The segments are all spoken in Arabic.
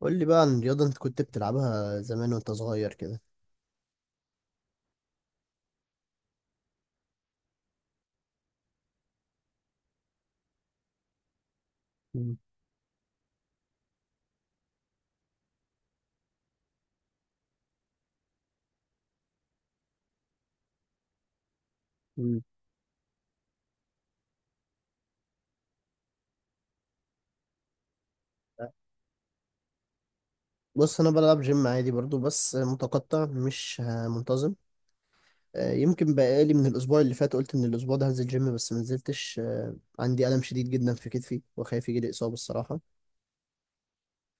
قول لي بقى عن الرياضة انت كنت بتلعبها زمان وانت صغير كده. مم. مم. بص انا بلعب جيم عادي برضو بس متقطع مش آه، منتظم. يمكن بقالي من الاسبوع اللي فات قلت ان الاسبوع ده هنزل جيم بس ما نزلتش، عندي الم شديد جدا في كتفي وخايف يجي لي اصابة الصراحة.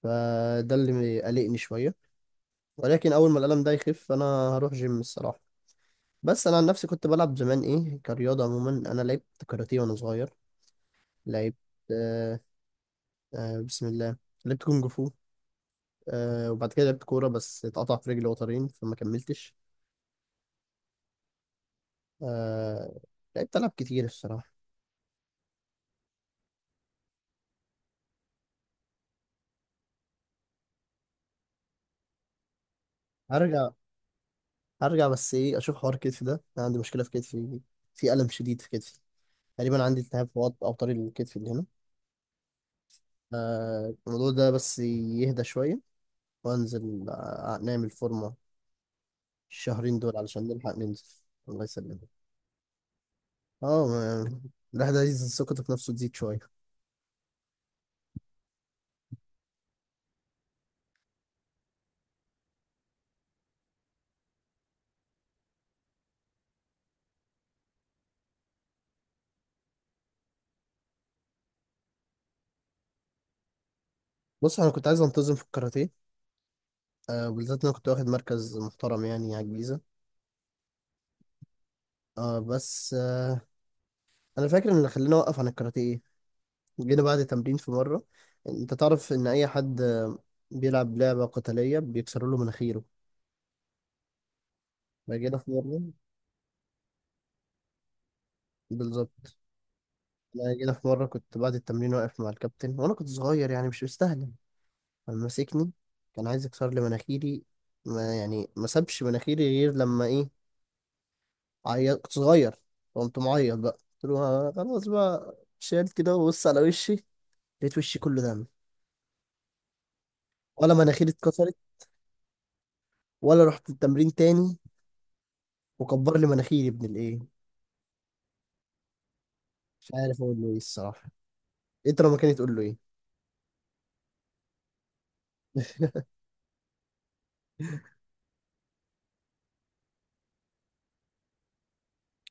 فده اللي قلقني شوية، ولكن اول ما الالم ده يخف انا هروح جيم الصراحة. بس انا عن نفسي كنت بلعب زمان ايه كرياضة. عموما انا لعبت كاراتيه وانا صغير، لعبت آه، بسم الله، لعبت كونج فو. وبعد كده لعبت كورة بس اتقطع في رجلي وترين فما كملتش. آه لعبت ألعاب كتير الصراحة. هرجع، هرجع بس إيه، أشوف حوار كتفي ده، أنا عندي مشكلة في كتفي، في ألم شديد في كتفي. تقريبا عندي التهاب في أوتار الكتف اللي هنا. الموضوع ده بس يهدى شوية وأنزل، نعمل فورمة الشهرين دول علشان نلحق ننزل. الله يسلمك. اه الواحد عايز ثقته في نفسه تزيد شوية. بص أنا كنت عايز أنتظم في الكاراتيه، بالذات إن أنا كنت واخد مركز محترم يعني على الجيزة. اه بس آه، انا فاكر ان اللي خلاني اوقف عن الكاراتيه إيه؟ جينا بعد تمرين في مره. انت تعرف ان اي حد بيلعب لعبه قتاليه بيكسروا له مناخيره. فجينا في مره، بالظبط، انا جينا في مره كنت بعد التمرين واقف مع الكابتن وانا كنت صغير يعني مش مستاهله، فمسكني، كان عايز يكسر لي مناخيري. ما يعني ما سابش مناخيري غير لما ايه، عيط، كنت صغير. قمت معيط بقى، قلت له خلاص بقى، شالت كده وبص على وشي، لقيت وشي كله دم، ولا مناخيري اتكسرت ولا رحت التمرين تاني وكبر لي مناخيري ابن الايه. مش عارف اقول له ايه الصراحه، انت لو مكاني تقول له ايه؟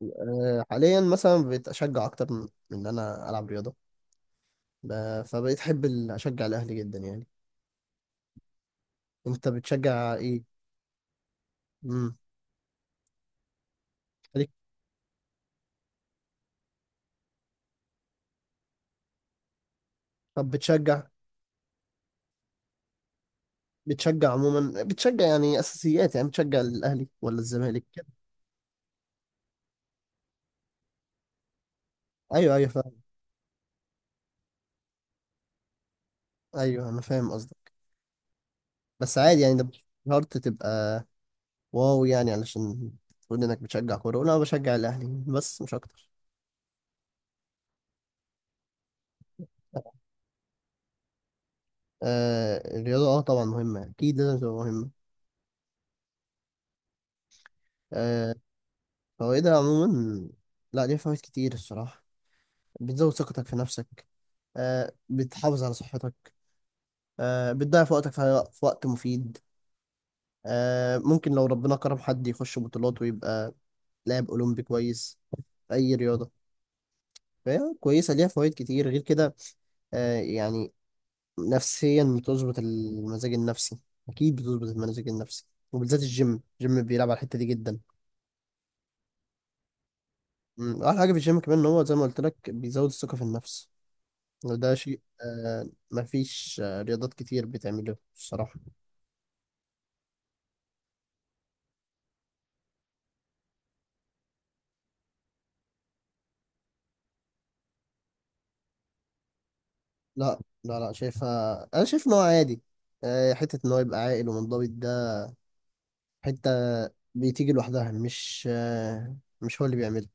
أه، حاليا مثلا بقيت اشجع اكتر من من ان انا العب رياضه. فبقيت احب اشجع الاهلي جدا يعني. انت بتشجع ايه؟ امم. خليك- طب بتشجع، بتشجع عموما، بتشجع يعني اساسيات، يعني بتشجع الاهلي ولا الزمالك كده؟ ايوه، ايوه فاهم، ايوه انا فاهم قصدك، بس عادي يعني ده مش شرط تبقى واو يعني علشان تقول انك بتشجع كوره. ولا انا بشجع الاهلي بس مش اكتر. الرياضة اه طبعا مهمة، أكيد لازم تبقى مهمة. آه فوائدها عموما، لا ليها فوائد كتير الصراحة. بتزود ثقتك في نفسك، بتحافظ على صحتك، بتضيع في وقتك في وقت مفيد. ممكن لو ربنا كرم حد يخش بطولات ويبقى لاعب أولمبي كويس في أي رياضة. فهي كويسة، ليها فوائد كتير غير كده. يعني نفسيا بتظبط المزاج النفسي، أكيد بتظبط المزاج النفسي، وبالذات الجيم، الجيم بيلعب على الحتة دي جدا. مم، احلى حاجه في الجيم كمان ان هو زي ما قلت لك بيزود الثقه في النفس، وده شيء مفيش رياضات كتير بتعمله الصراحه. لا لا لا شايفها، انا شايف ان هو عادي. حته ان هو يبقى عاقل ومنضبط ده، حته بتيجي لوحدها، مش هو اللي بيعملها.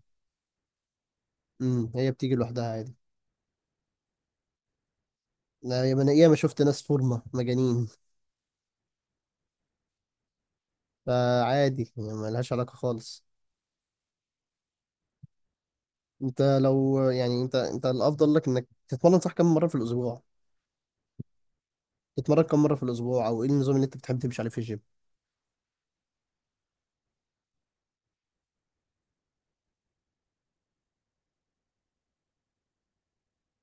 امم، هي بتيجي لوحدها عادي. لا، يا انا ياما شفت ناس فورمه مجانين، فعادي يعني ملهاش علاقه خالص. انت لو يعني انت الافضل لك انك تتمرن صح، كم مره في الاسبوع تتمرن، كم مرة في الأسبوع أو إيه النظام اللي أنت بتحب تمشي عليه في الجيم؟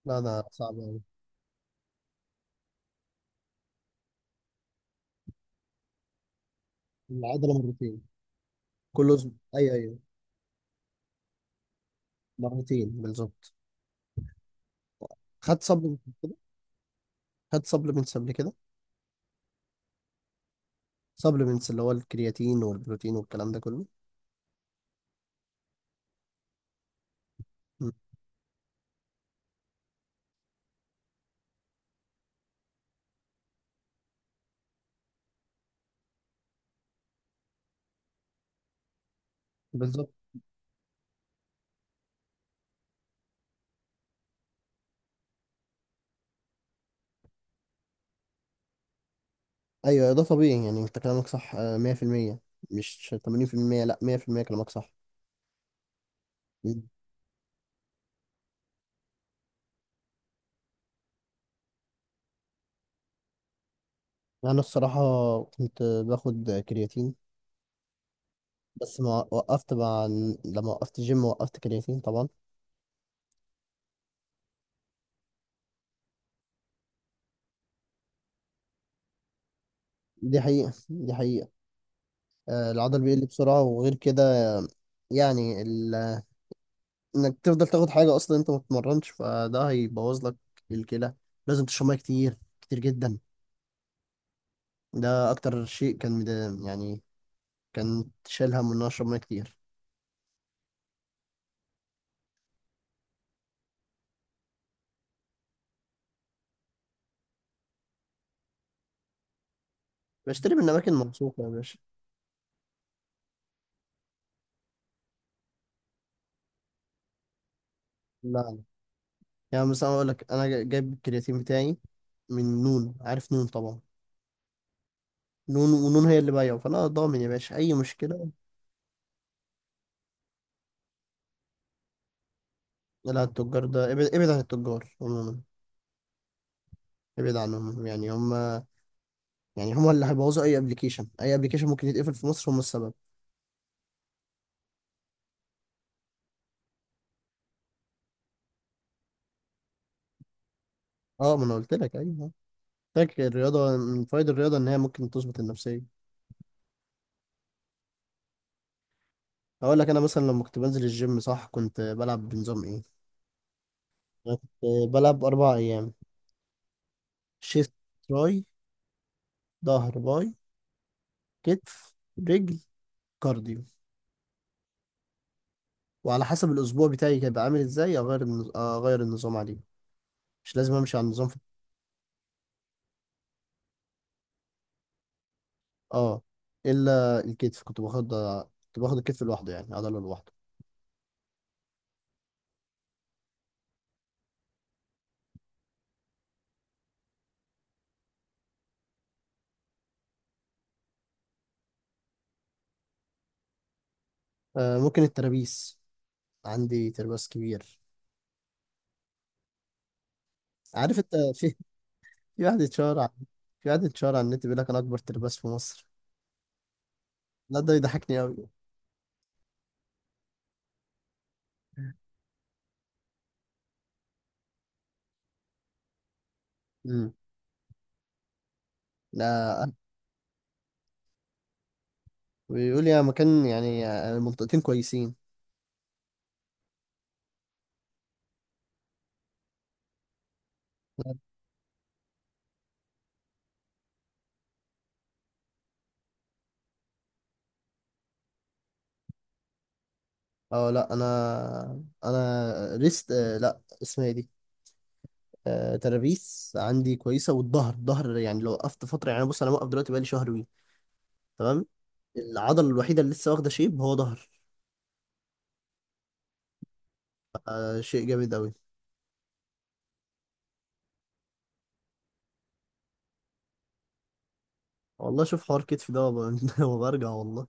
لا، أنا صعب أوي. العضلة مرتين، كل أسبوع، أيوه أيوه، مرتين بالظبط. خدت سبلمنت كده، خدت سبلمنتس قبل كده، سبلمنتس اللي هو الكرياتين والبروتين والكلام ده كله. مم. بالظبط. أيوه ده طبيعي يعني أنت كلامك صح، 100%، مش 80%، لا 100% كلامك صح. مم. أنا الصراحة كنت باخد كرياتين بس ما وقفت مع، لما وقفت جيم وقفت كرياتين طبعا. دي حقيقة، دي حقيقة، العضل بيقل بسرعة وغير كده. آه، يعني ال... انك تفضل تاخد حاجة اصلا انت ما بتتمرنش، فده هيبوظ لك الكلى. لازم تشرب ميه كتير كتير جدا. ده اكتر شيء كان يعني كان شايل هم ان انا اشرب ميه كتير. بشتري من اماكن موثوقة يا باشا. لا لا. يعني مثلا اقول لك انا جايب الكرياتين بتاعي من نون، عارف نون طبعا، نون، ونون هي اللي بايعه فانا ضامن يا باشا اي مشكلة. لا، التجار ده ابعد، ابعد عن التجار عموما، ابعد عنهم. يعني هم، يعني هما اللي هيبوظوا اي ابلكيشن، اي ابلكيشن ممكن يتقفل في مصر هما السبب. اه، ما انا قلت لك ايوه، فاكر الرياضه من فوائد الرياضه ان هي ممكن تظبط النفسيه. هقول لك انا مثلا لما كنت بنزل الجيم صح كنت بلعب بنظام ايه. أنا كنت بلعب اربع ايام: شيست، تراي، ظهر، باي، كتف، رجل، كارديو. وعلى حسب الاسبوع بتاعي هيبقى عامل ازاي اغير اغير النظام عليه، مش لازم امشي على النظام في... اه، الا الكتف كنت باخد، كنت باخد الكتف لوحده يعني عضله لوحده. ممكن الترابيس، عندي ترباس كبير. عارف انت في، في واحد اتشهر في واحد اتشهر على النت بيقول لك انا اكبر ترباس في مصر. لا ده يضحكني قوي. امم. لا، بيقول يا مكان يعني، المنطقتين كويسين. اه لا، انا ريست لا اسمها ايه دي، ترابيس عندي كويسه، والظهر، الظهر يعني لو وقفت فتره، يعني بص انا موقف دلوقتي بقالي شهر وي، تمام. العضله الوحيده اللي لسه واخده شيب هو ظهر، شيء جامد قوي. والله شوف حوار كتفي ده وبرجع والله.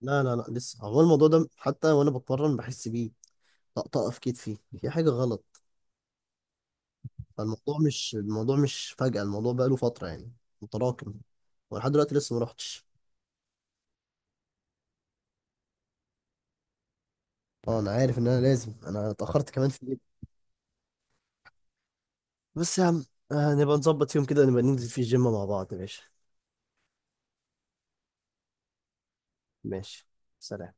لا لا لا لسه، هو الموضوع ده حتى وانا بتمرن بحس بيه، طقطقه في كتفي، في حاجه غلط. فالموضوع مش فجأة، الموضوع بقى له فتره يعني، متراكم، ولحد دلوقتي لسه ما رحتش. اه انا عارف ان انا لازم، انا اتاخرت كمان في الجيم، بس يا عم نبقى نظبط يوم كده نبقى ننزل فيه الجيم مع بعض، ماشي؟ ماشي. سلام.